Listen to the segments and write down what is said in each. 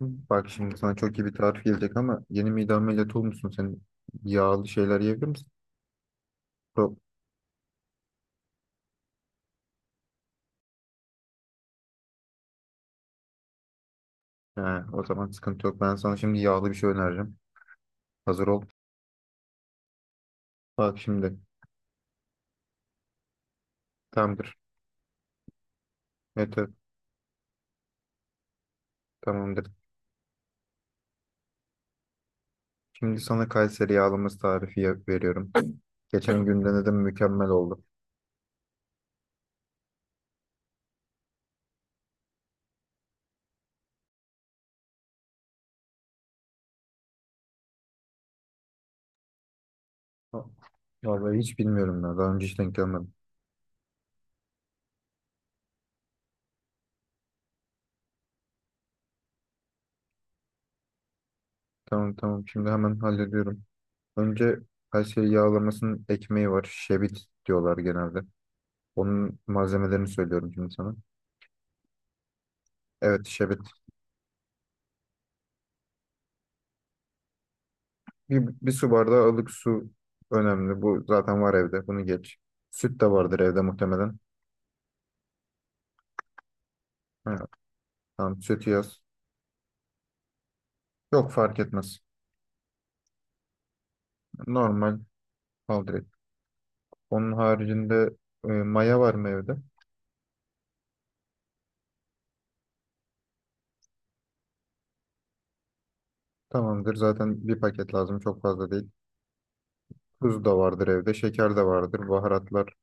Bak şimdi sana çok iyi bir tarif gelecek ama yeni mide ameliyatı olmuşsun. Sen yağlı şeyler yiyebilir misin? Yok. He, o zaman sıkıntı yok. Ben sana şimdi yağlı bir şey önereceğim. Hazır ol. Bak şimdi. Tamamdır. Evet, evet, tamamdır. Şimdi sana Kayseri yağlaması tarifi veriyorum. Geçen gün denedim, mükemmel oldu. Ha, vallahi hiç bilmiyorum ya. Daha önce hiç denk gelmedim. Tamam, tamam. Şimdi hemen hallediyorum. Önce Kayseri yağlamasının ekmeği var. Şebit diyorlar genelde. Onun malzemelerini söylüyorum şimdi sana. Evet, şerbet. Bir su bardağı ılık su önemli. Bu zaten var evde. Bunu geç. Süt de vardır evde muhtemelen. Ha, tamam, sütü yaz. Yok, fark etmez. Normal al direkt. Onun haricinde maya var mı evde? Tamamdır. Zaten bir paket lazım. Çok fazla değil. Tuz da vardır evde. Şeker de vardır. Baharatlar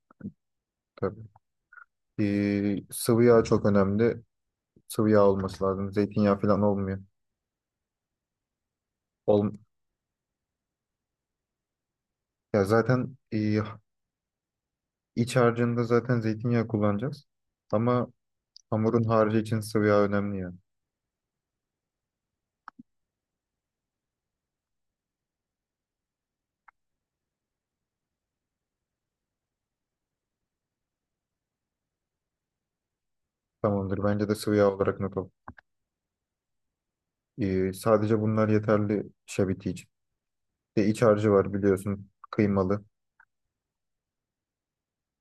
tabii. Sıvı yağ çok önemli. Sıvı yağ olması lazım. Zeytinyağı falan olmuyor. Ol ya zaten, iç harcında zaten zeytinyağı kullanacağız. Ama hamurun harcı için sıvı yağ önemli ya. Tamamdır. Bence de sıvı yağ olarak not al. Sadece bunlar yeterli şabiti için. Bir de iç harcı var, biliyorsun. Kıymalı.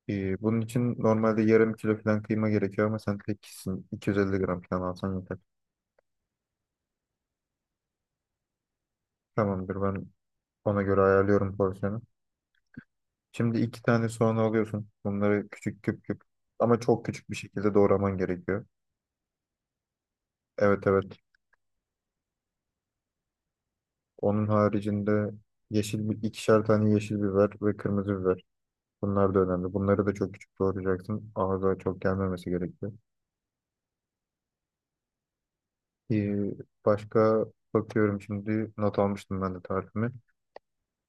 Bunun için normalde yarım kilo falan kıyma gerekiyor ama sen tek kişisin. 250 gram falan alsan yeter. Tamamdır. Ben ona göre ayarlıyorum porsiyonu. Şimdi iki tane soğan alıyorsun. Bunları küçük küp küp ama çok küçük bir şekilde doğraman gerekiyor. Evet, evet. Onun haricinde yeşil bir ikişer tane yeşil biber ve kırmızı biber. Bunlar da önemli. Bunları da çok küçük doğrayacaksın. Ağza çok gelmemesi gerekiyor. Ee, Başka bakıyorum, şimdi not almıştım ben de tarifimi.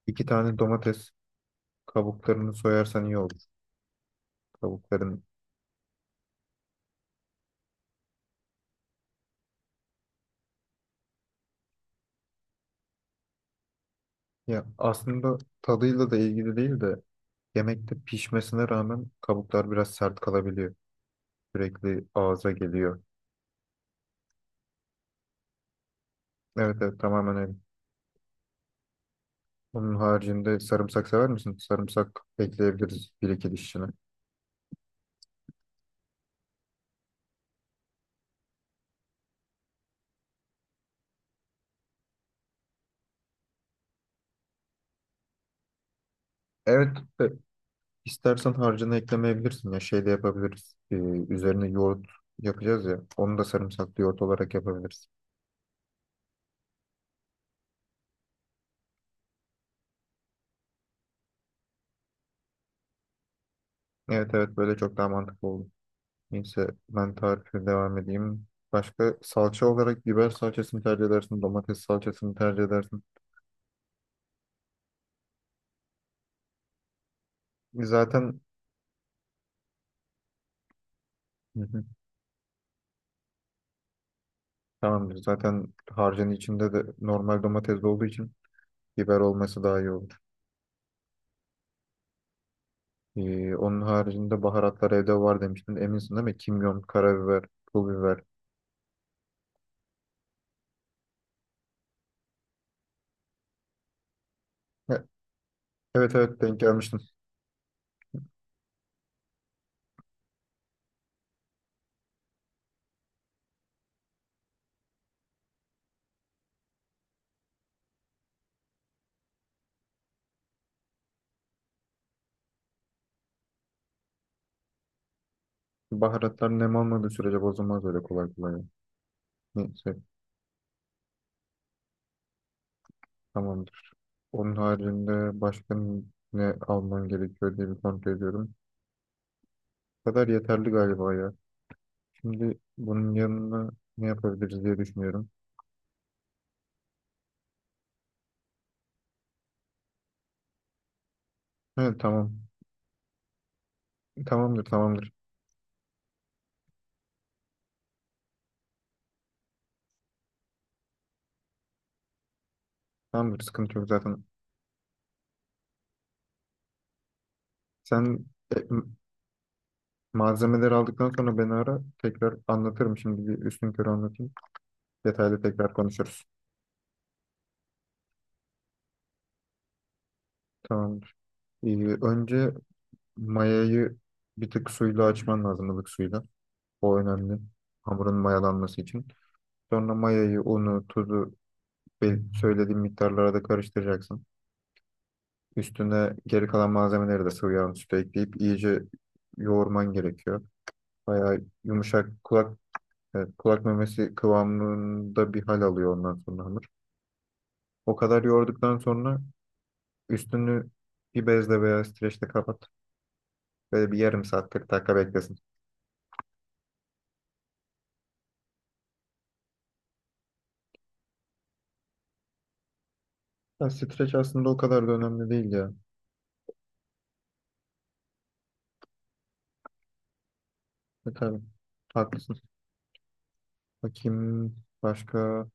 İki tane domates kabuklarını soyarsan iyi olur. Kabukların ya aslında tadıyla da ilgili değil de yemekte pişmesine rağmen kabuklar biraz sert kalabiliyor. Sürekli ağza geliyor. Evet, evet, tamamen öyle. Onun haricinde sarımsak sever misin? Sarımsak ekleyebiliriz bir iki dişine. Evet, e, İstersen harcını eklemeyebilirsin ya, şey de yapabiliriz. Üzerine yoğurt yapacağız ya. Onu da sarımsaklı yoğurt olarak yapabiliriz. Evet, evet, böyle çok daha mantıklı oldu. Neyse, ben tarife devam edeyim. Başka, salça olarak biber salçasını tercih edersin, domates salçasını tercih edersin. E, Zaten Hı hı, tamamdır. Zaten harcın içinde de normal domates de olduğu için biber olması daha iyi olur. Onun haricinde baharatlar evde var demiştin. Eminsin değil mi? Kimyon, karabiber, pul biber. E, Evet, evet, denk gelmiştim. Baharatlar nem almadığı sürece bozulmaz öyle kolay kolay. Neyse, tamamdır. Onun haricinde başka ne almam gerekiyor diye bir kontrol ediyorum. Bu kadar yeterli galiba ya. Şimdi bunun yanına ne yapabiliriz diye düşünüyorum. Evet, tamam. Tamamdır, tamamdır. Tamamdır, sıkıntı yok zaten. Sen e, m- malzemeleri aldıktan sonra beni ara. Tekrar anlatırım, şimdi bir üstün körü anlatayım. Detaylı tekrar konuşuruz. Tamamdır. Ee, Önce mayayı bir tık suyla açman lazım, ılık suyla. O önemli. Hamurun mayalanması için. Sonra mayayı, unu, tuzu söylediğim miktarlara da karıştıracaksın. Üstüne geri kalan malzemeleri de sıvı yağın üstüne ekleyip iyice yoğurman gerekiyor. Bayağı yumuşak, kulak memesi kıvamında bir hal alıyor ondan sonra hamur. O kadar yoğurduktan sonra üstünü bir bezle veya streçle kapat. Böyle bir yarım saat, 40 dakika beklesin. Ya streç aslında o kadar da önemli değil ya. Tabii, haklısın. Bakayım başka.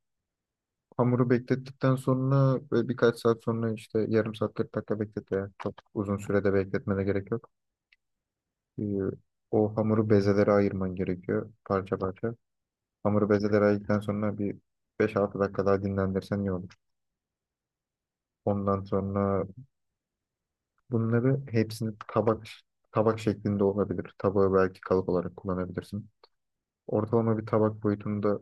Hamuru beklettikten sonra böyle birkaç saat sonra, işte yarım saat, 40 dakika beklet yani. Çok uzun sürede bekletmene gerek yok. Ee, O hamuru bezelere ayırman gerekiyor, parça parça. Hamuru bezelere ayırdıktan sonra bir 5-6 dakika daha dinlendirsen iyi olur. Ondan sonra bunları hepsini tabak tabak şeklinde olabilir. Tabağı belki kalıp olarak kullanabilirsin. Ortalama bir tabak boyutunda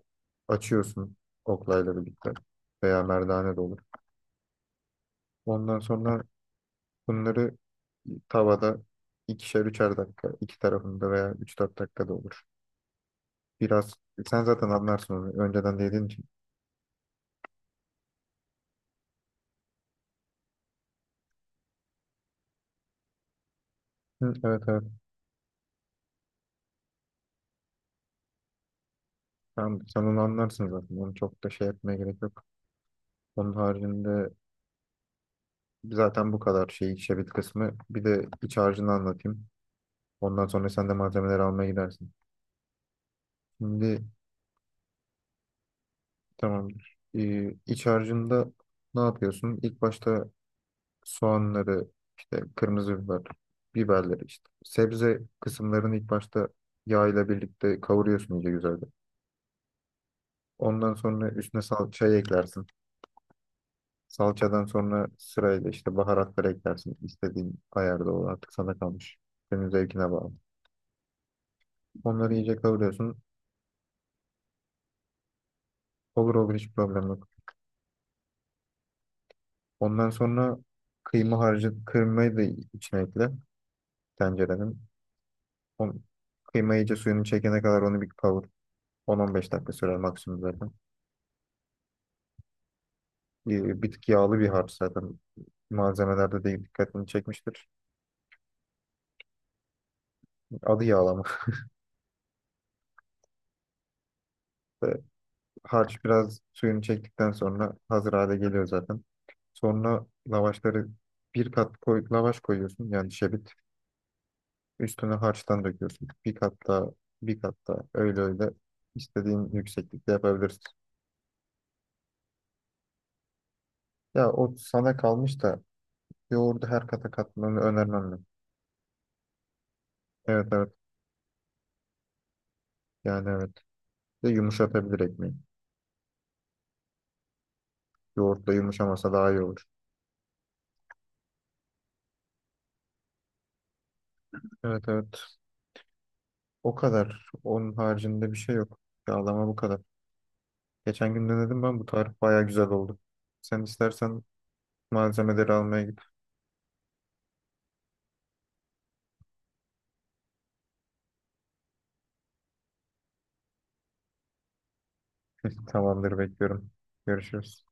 açıyorsun, oklayla birlikte veya merdane de olur. Ondan sonra bunları tavada ikişer üçer dakika iki tarafında, veya üç dört dakika da olur. Biraz sen zaten anlarsın onu, önceden de yediğin için. Hı, evet, evet, tamam, sen onu anlarsın zaten, onu çok da şey yapmaya gerek yok. Onun haricinde zaten bu kadar şey, şebit kısmı, bir de iç harcını anlatayım. Ondan sonra sen de malzemeleri almaya gidersin. Şimdi Tamamdır. İç harcında ne yapıyorsun? İlk başta soğanları, işte kırmızı biber, biberleri işte. Sebze kısımlarını ilk başta yağ ile birlikte kavuruyorsun iyice, güzelce. Ondan sonra üstüne salçayı eklersin. Salçadan sonra sırayla işte baharatları eklersin. İstediğin ayarda, o artık sana kalmış. Senin zevkine bağlı. Onları iyice kavuruyorsun. Olur, olur, hiç problem yok. Ondan sonra kıyma harcı, kıymayı da içine ekle tencerenin. On, Kıyma iyice suyunu çekene kadar onu bir kavur. 10-15 dakika sürer maksimum zaten. Bir tık yağlı bir harç zaten. Malzemelerde değil, dikkatini çekmiştir. Adı yağlama. İşte harç biraz suyunu çektikten sonra hazır hale geliyor zaten. Sonra lavaşları bir kat koy, lavaş koyuyorsun yani, şebit. Üstüne harçtan döküyorsun. Bir kat daha, bir kat daha, öyle öyle istediğin yükseklikte yapabilirsin. Ya, o sana kalmış da yoğurdu her kata katmanı önermem ben. Evet, evet, yani evet. Bir de yumuşatabilir ekmeği. Yoğurtla yumuşamasa daha iyi olur. Evet, evet. O kadar. Onun haricinde bir şey yok. Yağlama bu kadar. Geçen gün denedim ben, bu tarif baya güzel oldu. Sen istersen malzemeleri almaya git. Tamamdır, bekliyorum. Görüşürüz.